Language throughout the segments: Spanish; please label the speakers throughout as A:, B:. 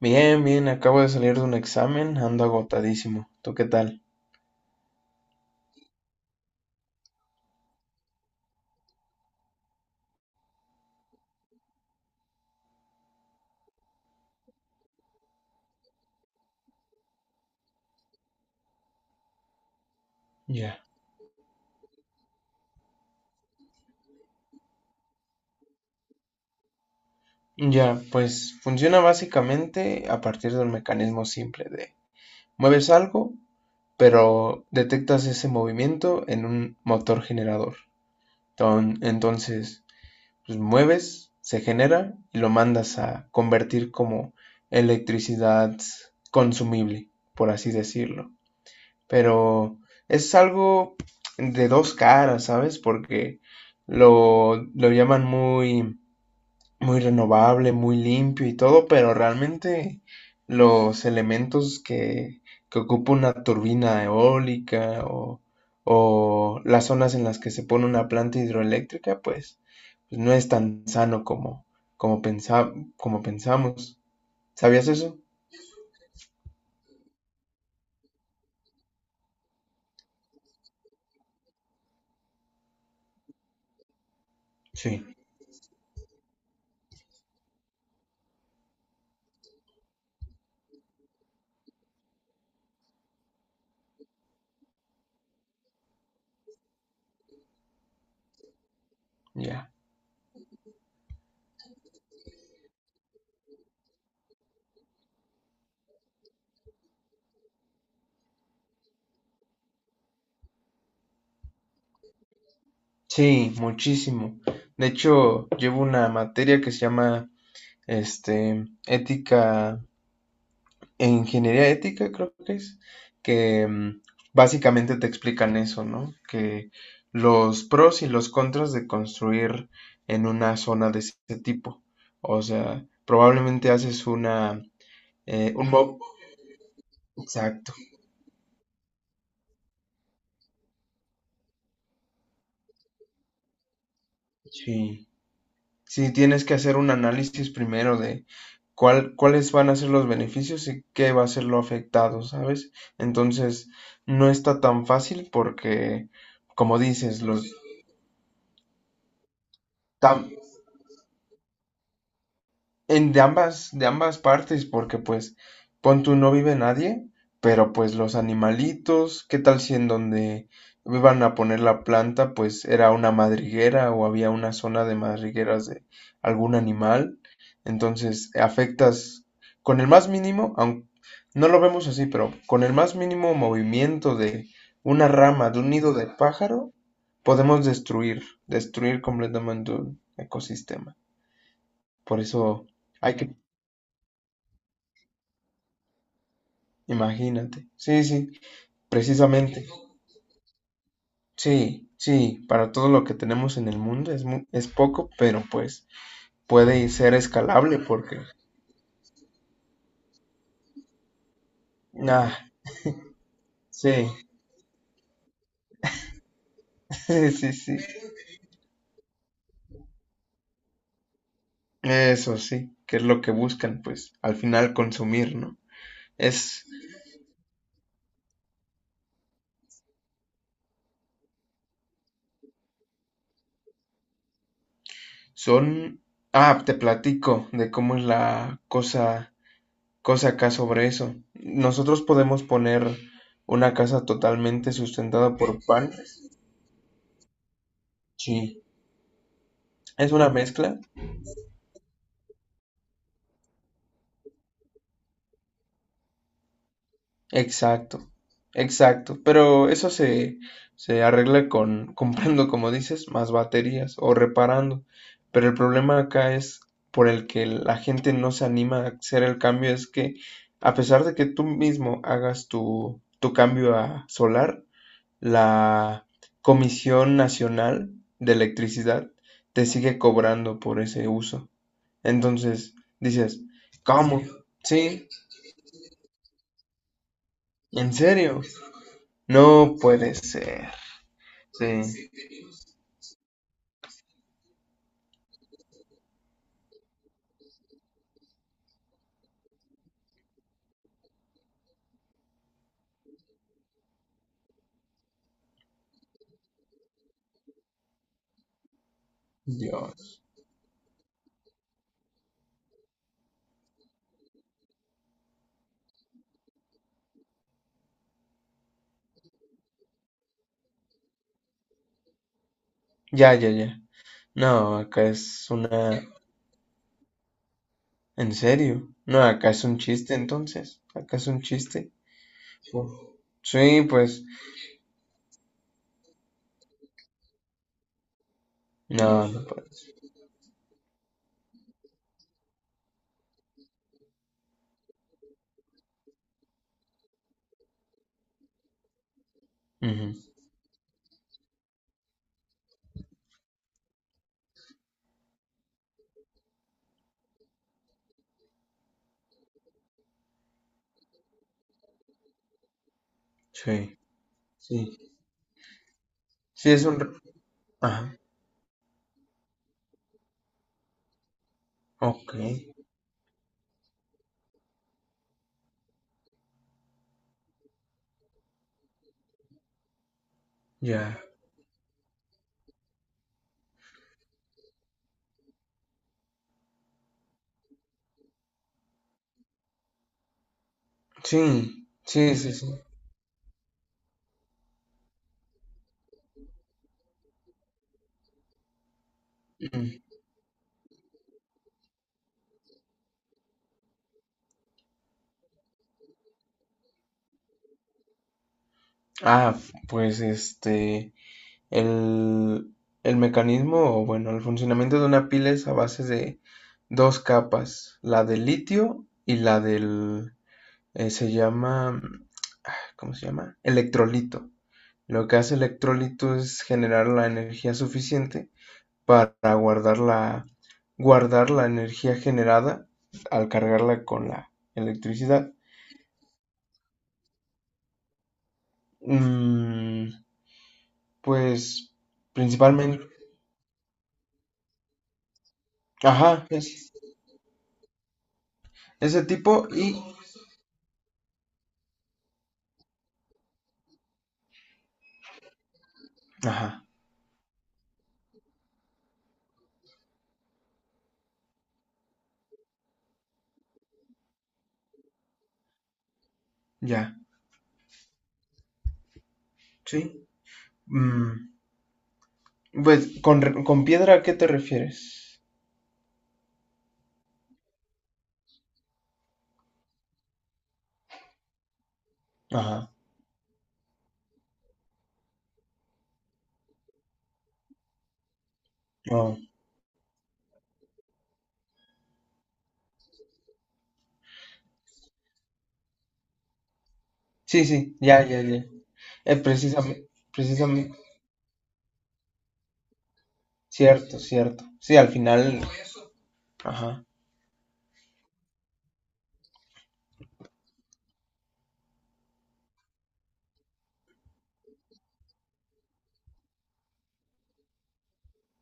A: Bien, bien, acabo de salir de un examen, ando agotadísimo. ¿Tú qué tal? Ya. Ya, pues funciona básicamente a partir de un mecanismo simple de mueves algo, pero detectas ese movimiento en un motor generador. Entonces, pues mueves, se genera y lo mandas a convertir como electricidad consumible, por así decirlo. Pero es algo de dos caras, ¿sabes? Porque lo llaman muy, muy renovable, muy limpio y todo, pero realmente los elementos que ocupa una turbina eólica o las zonas en las que se pone una planta hidroeléctrica, pues, pues no es tan sano como, como, como pensamos. ¿Sabías eso? Sí. Ya. Sí, muchísimo. De hecho, llevo una materia que se llama este, ética e ingeniería ética, creo que es, que básicamente te explican eso, ¿no? Que los pros y los contras de construir en una zona de ese tipo. O sea, probablemente haces una, un mock, exacto, sí. Sí, tienes que hacer un análisis primero de cuál, cuáles van a ser los beneficios y qué va a ser lo afectado, ¿sabes? Entonces, no está tan fácil porque, como dices, los, tam- En de ambas partes, porque pues, pon tú, no vive nadie, pero pues los animalitos, ¿qué tal si en donde iban a poner la planta, pues era una madriguera o había una zona de madrigueras de algún animal? Entonces, afectas con el más mínimo, aunque no lo vemos así, pero con el más mínimo movimiento de una rama, de un nido de pájaro, podemos destruir completamente un ecosistema. Por eso hay que imagínate. Sí, sí, precisamente. Sí, sí, para todo lo que tenemos en el mundo es es poco, pero pues puede ser escalable porque ah, sí, sí, sí, sí. Eso sí, que es lo que buscan pues al final consumir, ¿no? Es son ah, te platico de cómo es la cosa cosa acá sobre eso. Nosotros podemos poner una casa totalmente sustentada por pan. Sí, es una mezcla. Exacto, exacto. Pero eso se arregla con comprando, como dices, más baterías o reparando. Pero el problema acá es por el que la gente no se anima a hacer el cambio, es que a pesar de que tú mismo hagas tu cambio a solar, la Comisión Nacional de Electricidad te sigue cobrando por ese uso. Entonces, dices, ¿cómo? Sí, en serio. No puede ser. Sí. Dios. Ya, ya, ya. No, acá es una... ¿En serio? No, acá es un chiste entonces. Acá es un chiste. Fu- Sí, pues... No, no puede. Ujú, sí. Sí. Sí, es ajá. Ok. Ya. Sí. Sí, sí, sí. Mm. Ah, pues este... El... El mecanismo, o bueno, el funcionamiento de una pila es a base de dos capas, la del litio y la del se llama, ah, ¿cómo se llama? Electrolito. Lo que hace electrolito es generar la energía suficiente para guardar guardar la energía generada al cargarla con la electricidad. Mm, pues principalmente, ajá, ese tipo y, ajá, ya. Sí. Mm, pues, con piedra a qué te refieres? Ajá, no. Sí, sí, ya, ya, ya. Precisamente, precisamente, cierto, cierto. Sí, al final, ajá,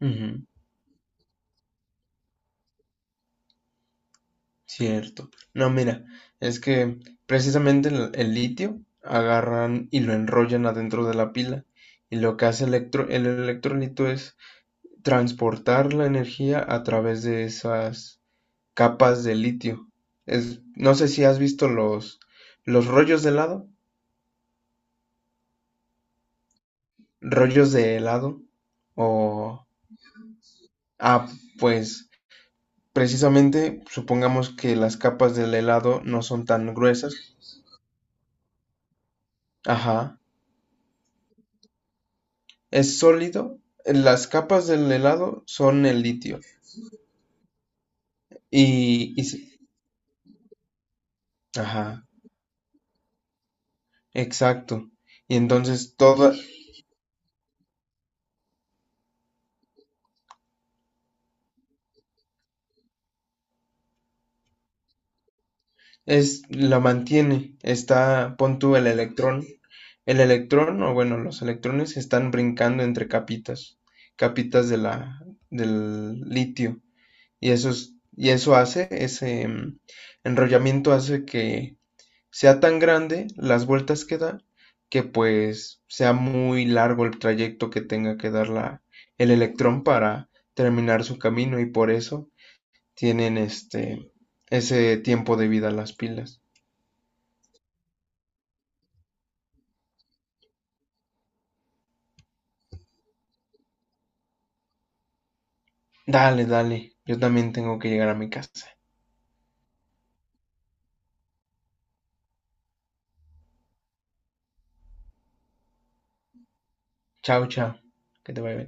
A: ujú, cierto. No, mira, es que precisamente el litio agarran y lo enrollan adentro de la pila y lo que hace el electrolito es transportar la energía a través de esas capas de litio. Es, no sé si has visto los rollos de helado o... Ah, pues... Precisamente, supongamos que las capas del helado no son tan gruesas. Ajá. Es sólido. Las capas del helado son el litio. Y, y se- ajá, exacto. Y entonces toda es la mantiene. Está, pon tú el electrón. El electrón, o bueno, los electrones están brincando entre capitas, capitas de la, del litio. Y y eso hace, ese enrollamiento hace que sea tan grande las vueltas que da, que pues sea muy largo el trayecto que tenga que dar el electrón para terminar su camino y por eso tienen este ese tiempo de vida las pilas. Dale, dale, yo también tengo que llegar a mi casa. Chao, chao, que te vaya bien.